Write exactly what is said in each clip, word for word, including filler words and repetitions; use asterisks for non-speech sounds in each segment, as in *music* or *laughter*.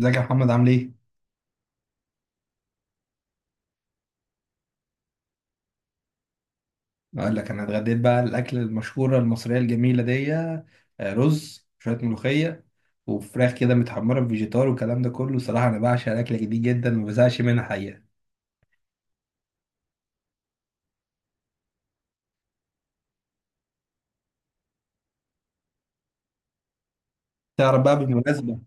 ازيك يا محمد عامل ايه؟ اقول لك انا اتغديت بقى الاكل المشهوره المصريه الجميله دي آه، رز شويه ملوخيه وفراخ كده متحمره بفيجيتار والكلام ده كله. صراحه انا بعشق الاكله دي جدا، ما بزهقش منها حقيقه. تعرف بقى بالمناسبه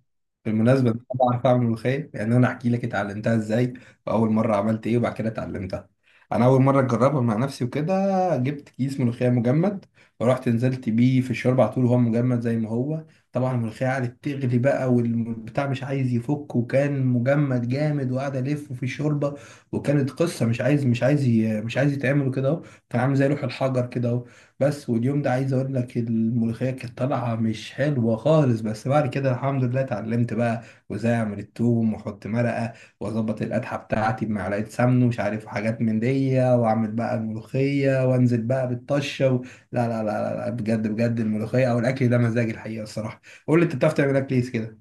بالمناسبة أنا بعرف أعمل ملوخية. يعني أنا أحكي لك اتعلمتها إزاي وأول مرة عملت إيه وبعد كده اتعلمتها. أنا أول مرة أجربها مع نفسي، وكده جبت كيس ملوخية مجمد ورحت نزلت بيه في الشوربة على طول وهو مجمد زي ما هو. طبعا الملوخية قعدت تغلي بقى والبتاع مش عايز يفك، وكان مجمد جامد وقعد ألف في الشوربة. وكانت قصة، مش عايز مش عايز ي- مش عايز يتعمل كده أهو. كان عامل زي لوح الحجر كده. بس واليوم ده عايز اقول لك، الملوخيه كانت طالعه مش حلوه خالص. بس بعد كده الحمد لله اتعلمت بقى، وازاي اعمل التوم واحط مرقه واظبط القدحه بتاعتي بمعلقه سمن ومش عارف حاجات من دي، واعمل بقى الملوخيه وانزل بقى بالطشه و... لا لا لا لا لا، بجد بجد، الملوخيه او الاكل ده مزاج الحقيقه الصراحه. قول لي انت، بتعرف تعمل اكل ايه كده؟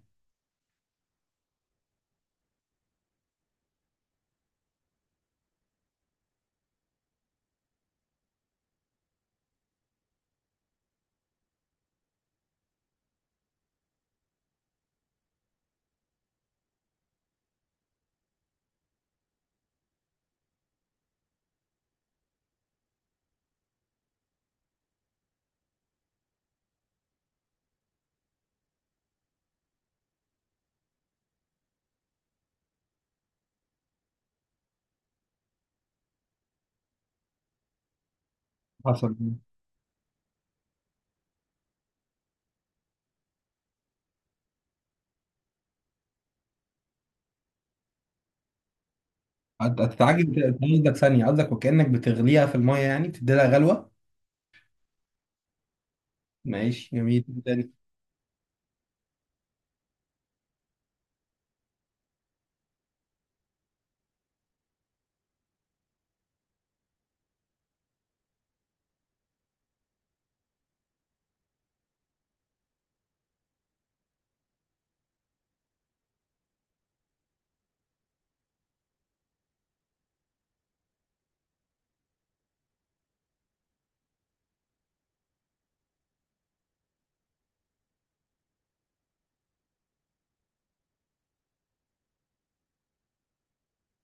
حصل. هت- هتتعجب أنت، قصدك ثانيه، قصدك وكانك بتغليها في الميه، يعني بتدي لها غلوه. ماشي جميل.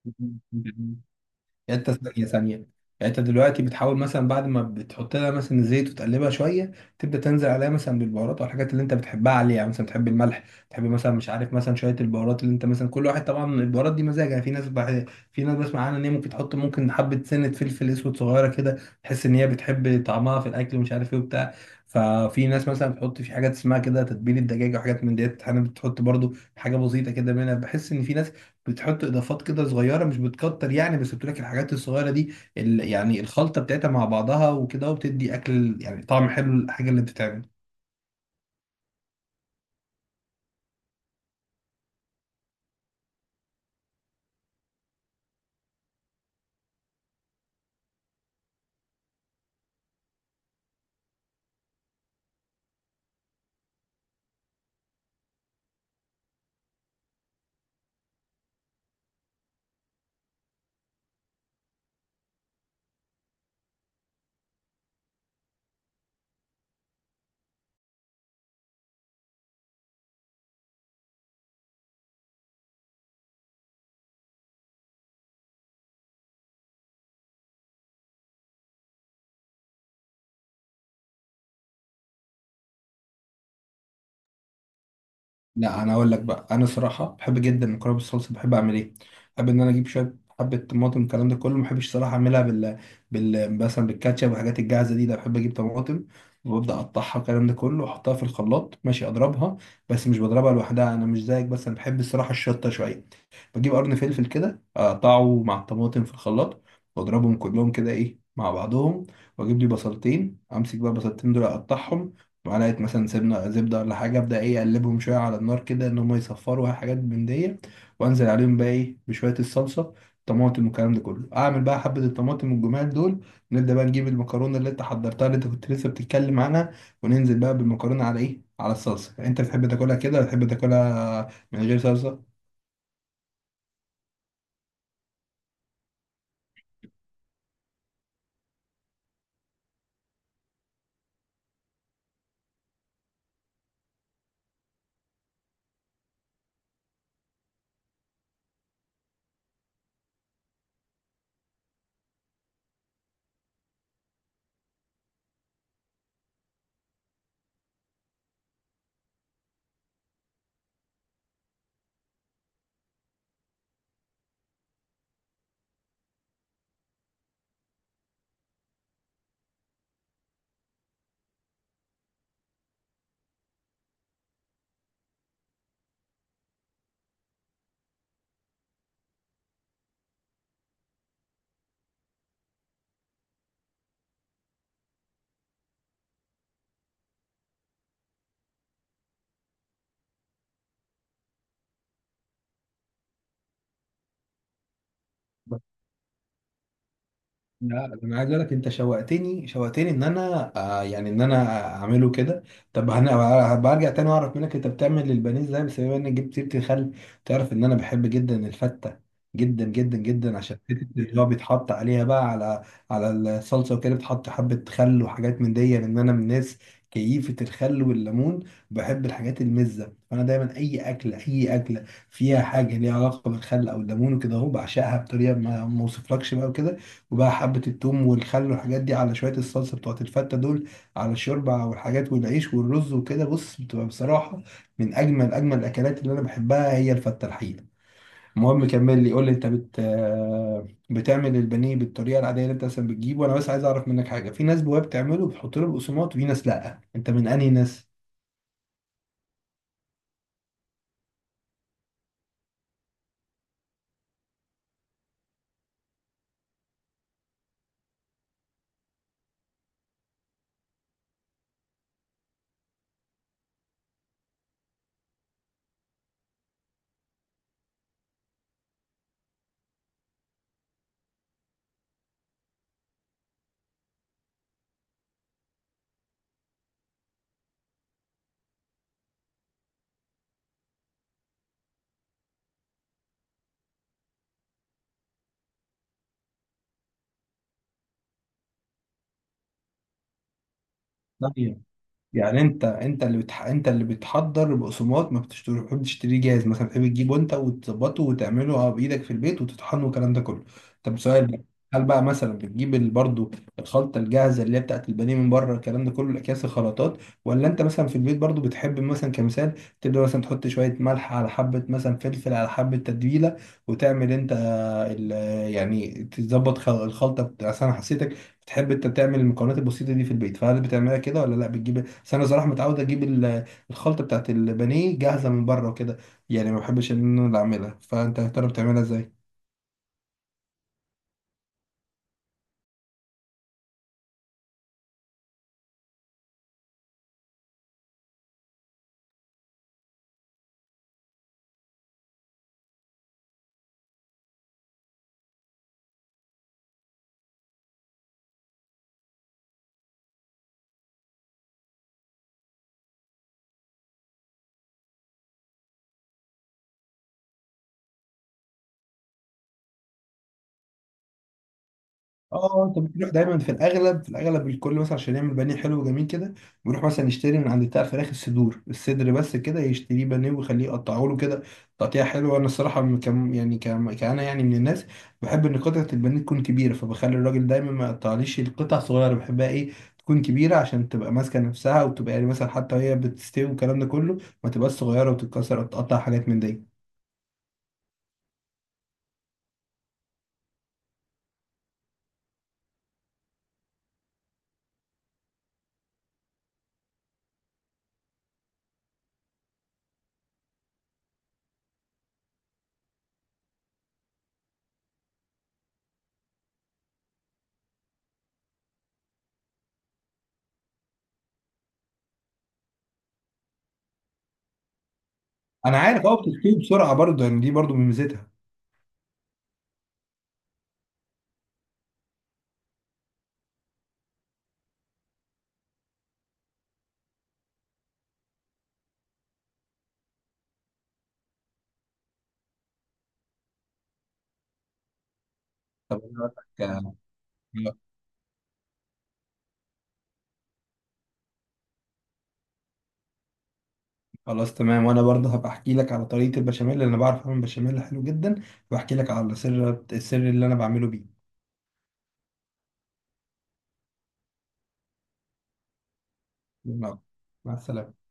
*laughs* تاني؟ يعني انت ثانية ثانية، يعني انت دلوقتي بتحاول مثلا بعد ما بتحط لها مثلا زيت وتقلبها شوية، تبدأ تنزل عليها مثلا بالبهارات والحاجات اللي انت بتحبها عليها. يعني مثلا بتحب الملح، بتحب مثلا مش عارف مثلا شوية البهارات اللي انت مثلا، كل واحد طبعا البهارات دي مزاج. يعني في ناس بح... في ناس بسمع عنها ان هي ممكن تحط، ممكن حبة سنة فلفل اسود صغيرة كده، تحس ان هي بتحب طعمها في الاكل، ومش عارف ايه وبتاع. ففي ناس مثلا بتحط في حاجات اسمها كده تتبيل الدجاج وحاجات من ديت. انا بتحط برضو حاجة بسيطة كده منها. بحس ان في ناس بتحط اضافات كده صغيره، مش بتكتر يعني، بس بتقول لك الحاجات الصغيره دي، ال- يعني الخلطه بتاعتها مع بعضها وكده، وبتدي اكل يعني طعم حلو للحاجه اللي بتتعمل. لا انا اقول لك بقى، انا صراحه بحب جدا المكرونه بالصلصه. بحب اعمل ايه؟ بحب ان انا اجيب شويه حبه طماطم، الكلام ده كله. ما بحبش صراحه اعملها بال بال مثلا بالكاتشب والحاجات الجاهزه دي. ده بحب اجيب طماطم وببدا اقطعها الكلام ده كله، واحطها في الخلاط ماشي اضربها. بس مش بضربها لوحدها، انا مش زيك، بس انا بحب الصراحه الشطه شويه. بجيب قرن فلفل كده اقطعه مع الطماطم في الخلاط واضربهم كلهم كده ايه مع بعضهم. واجيب لي بصلتين، امسك بقى البصلتين دول اقطعهم، معلقة مثلا سمنة زبدة ولا حاجة، أبدأ إيه، أقلبهم شوية على النار كده إن هما يصفروا، حاجات من دي. وأنزل عليهم بقى إيه بشوية الصلصة، طماطم والكلام ده كله. أعمل بقى حبة الطماطم والجمال دول، نبدأ بقى نجيب المكرونة اللي أنت حضرتها، اللي أنت كنت لسه بتتكلم عنها، وننزل بقى بالمكرونة على إيه، على الصلصة. أنت بتحب تاكلها كده ولا بتحب تاكلها من غير صلصة؟ لا انا عايز اقول لك، انت شوقتني شوقتني ان انا آه يعني ان انا اعمله كده. طب هن- هبقى ارجع تاني واعرف منك انت بتعمل البانيه ازاي. بس بما انك جبت سيره الخل، تعرف ان انا بحب جدا الفته، جدا جدا جدا، عشان حته اللي هو بيتحط عليها بقى على على الصلصه وكده، بتحط حبه خل وحاجات من دي. لان انا من الناس كيفه الخل والليمون، بحب الحاجات المزه. فانا دايما اي اكله، اي اكله فيها حاجه ليها علاقه بالخل او الليمون وكده اهو، بعشقها بطريقه ما ما اوصفلكش بقى وكده. وبقى حبة التوم والخل والحاجات دي على شوية الصلصة بتوعت الفتة دول، على الشوربة والحاجات والعيش والرز وكده، بص بتبقى بصراحة من أجمل أجمل الأكلات اللي أنا بحبها، هي الفتة الحقيقة. المهم كمل لي، قول لي أنت بت آه، بتعمل البانيه بالطريقة العادية اللي أنت أصلا بتجيبه. وأنا بس عايز أعرف منك حاجة، في ناس بواب بتعمله بتحط له البقسماط، وفي ناس لأ. أنت من أنهي ناس؟ يعني انت انت اللي بتح... انت اللي بتحضر بقسماط، ما بتشتري- بتحبش تشتريه جاهز، مثلا بتحب تجيبه انت وتظبطه وتعمله اه بايدك في البيت وتطحنه والكلام ده كله. طب سؤال بقى، هل بقى مثلا بتجيب ال- برضو الخلطه الجاهزه اللي هي بتاعت البانيه من بره، الكلام ده كله، الاكياس الخلطات؟ ولا انت مثلا في البيت برضو بتحب مثلا كمثال تبدا مثلا تحط شويه ملح على حبه مثلا فلفل على حبه تتبيله، وتعمل انت ال... يعني تظبط خل- الخلطه بتاع- أصل انا حسيتك بتحب انت تعمل المكونات البسيطه دي في البيت. فهل بتعملها كده ولا لا بتجيب؟ بس انا صراحه متعود اجيب ال- الخلطه بتاعت البانيه جاهزه من بره وكده، يعني ما بحبش ان انا اللي اعملها. فانت يا ترى بتعملها ازاي؟ اه انت بتروح دايما في الاغلب، في الاغلب الكل مثلا عشان يعمل بانيه حلو وجميل كده، بيروح مثلا يشتري من عند بتاع الفراخ الصدور، الصدر بس كده يشتريه بانيه ويخليه يقطعه له كده تقطيعه حلوه. انا الصراحه م- كم يعني كم كأنا يعني من الناس بحب ان قطعه البانيه تكون كبيره، فبخلي الراجل دايما ما يقطعليش القطع صغيره. بحبها ايه، تكون كبيره، عشان تبقى ماسكه نفسها وتبقى يعني مثلا حتى وهي بتستوي والكلام ده كله، ما تبقاش صغيره وتتكسر او تقطع حاجات من دي. انا عارف اه، بتستوي بسرعه برضه، يعني دي برضه من ميزتها. طب أنا هقول لك آه، خلاص تمام. وانا برضه هبقى احكي لك على طريقه البشاميل، اللي انا بعرف اعمل بشاميل حلو جدا، واحكي لك على سر السر اللي انا بعمله بيه. يلا مع السلامه.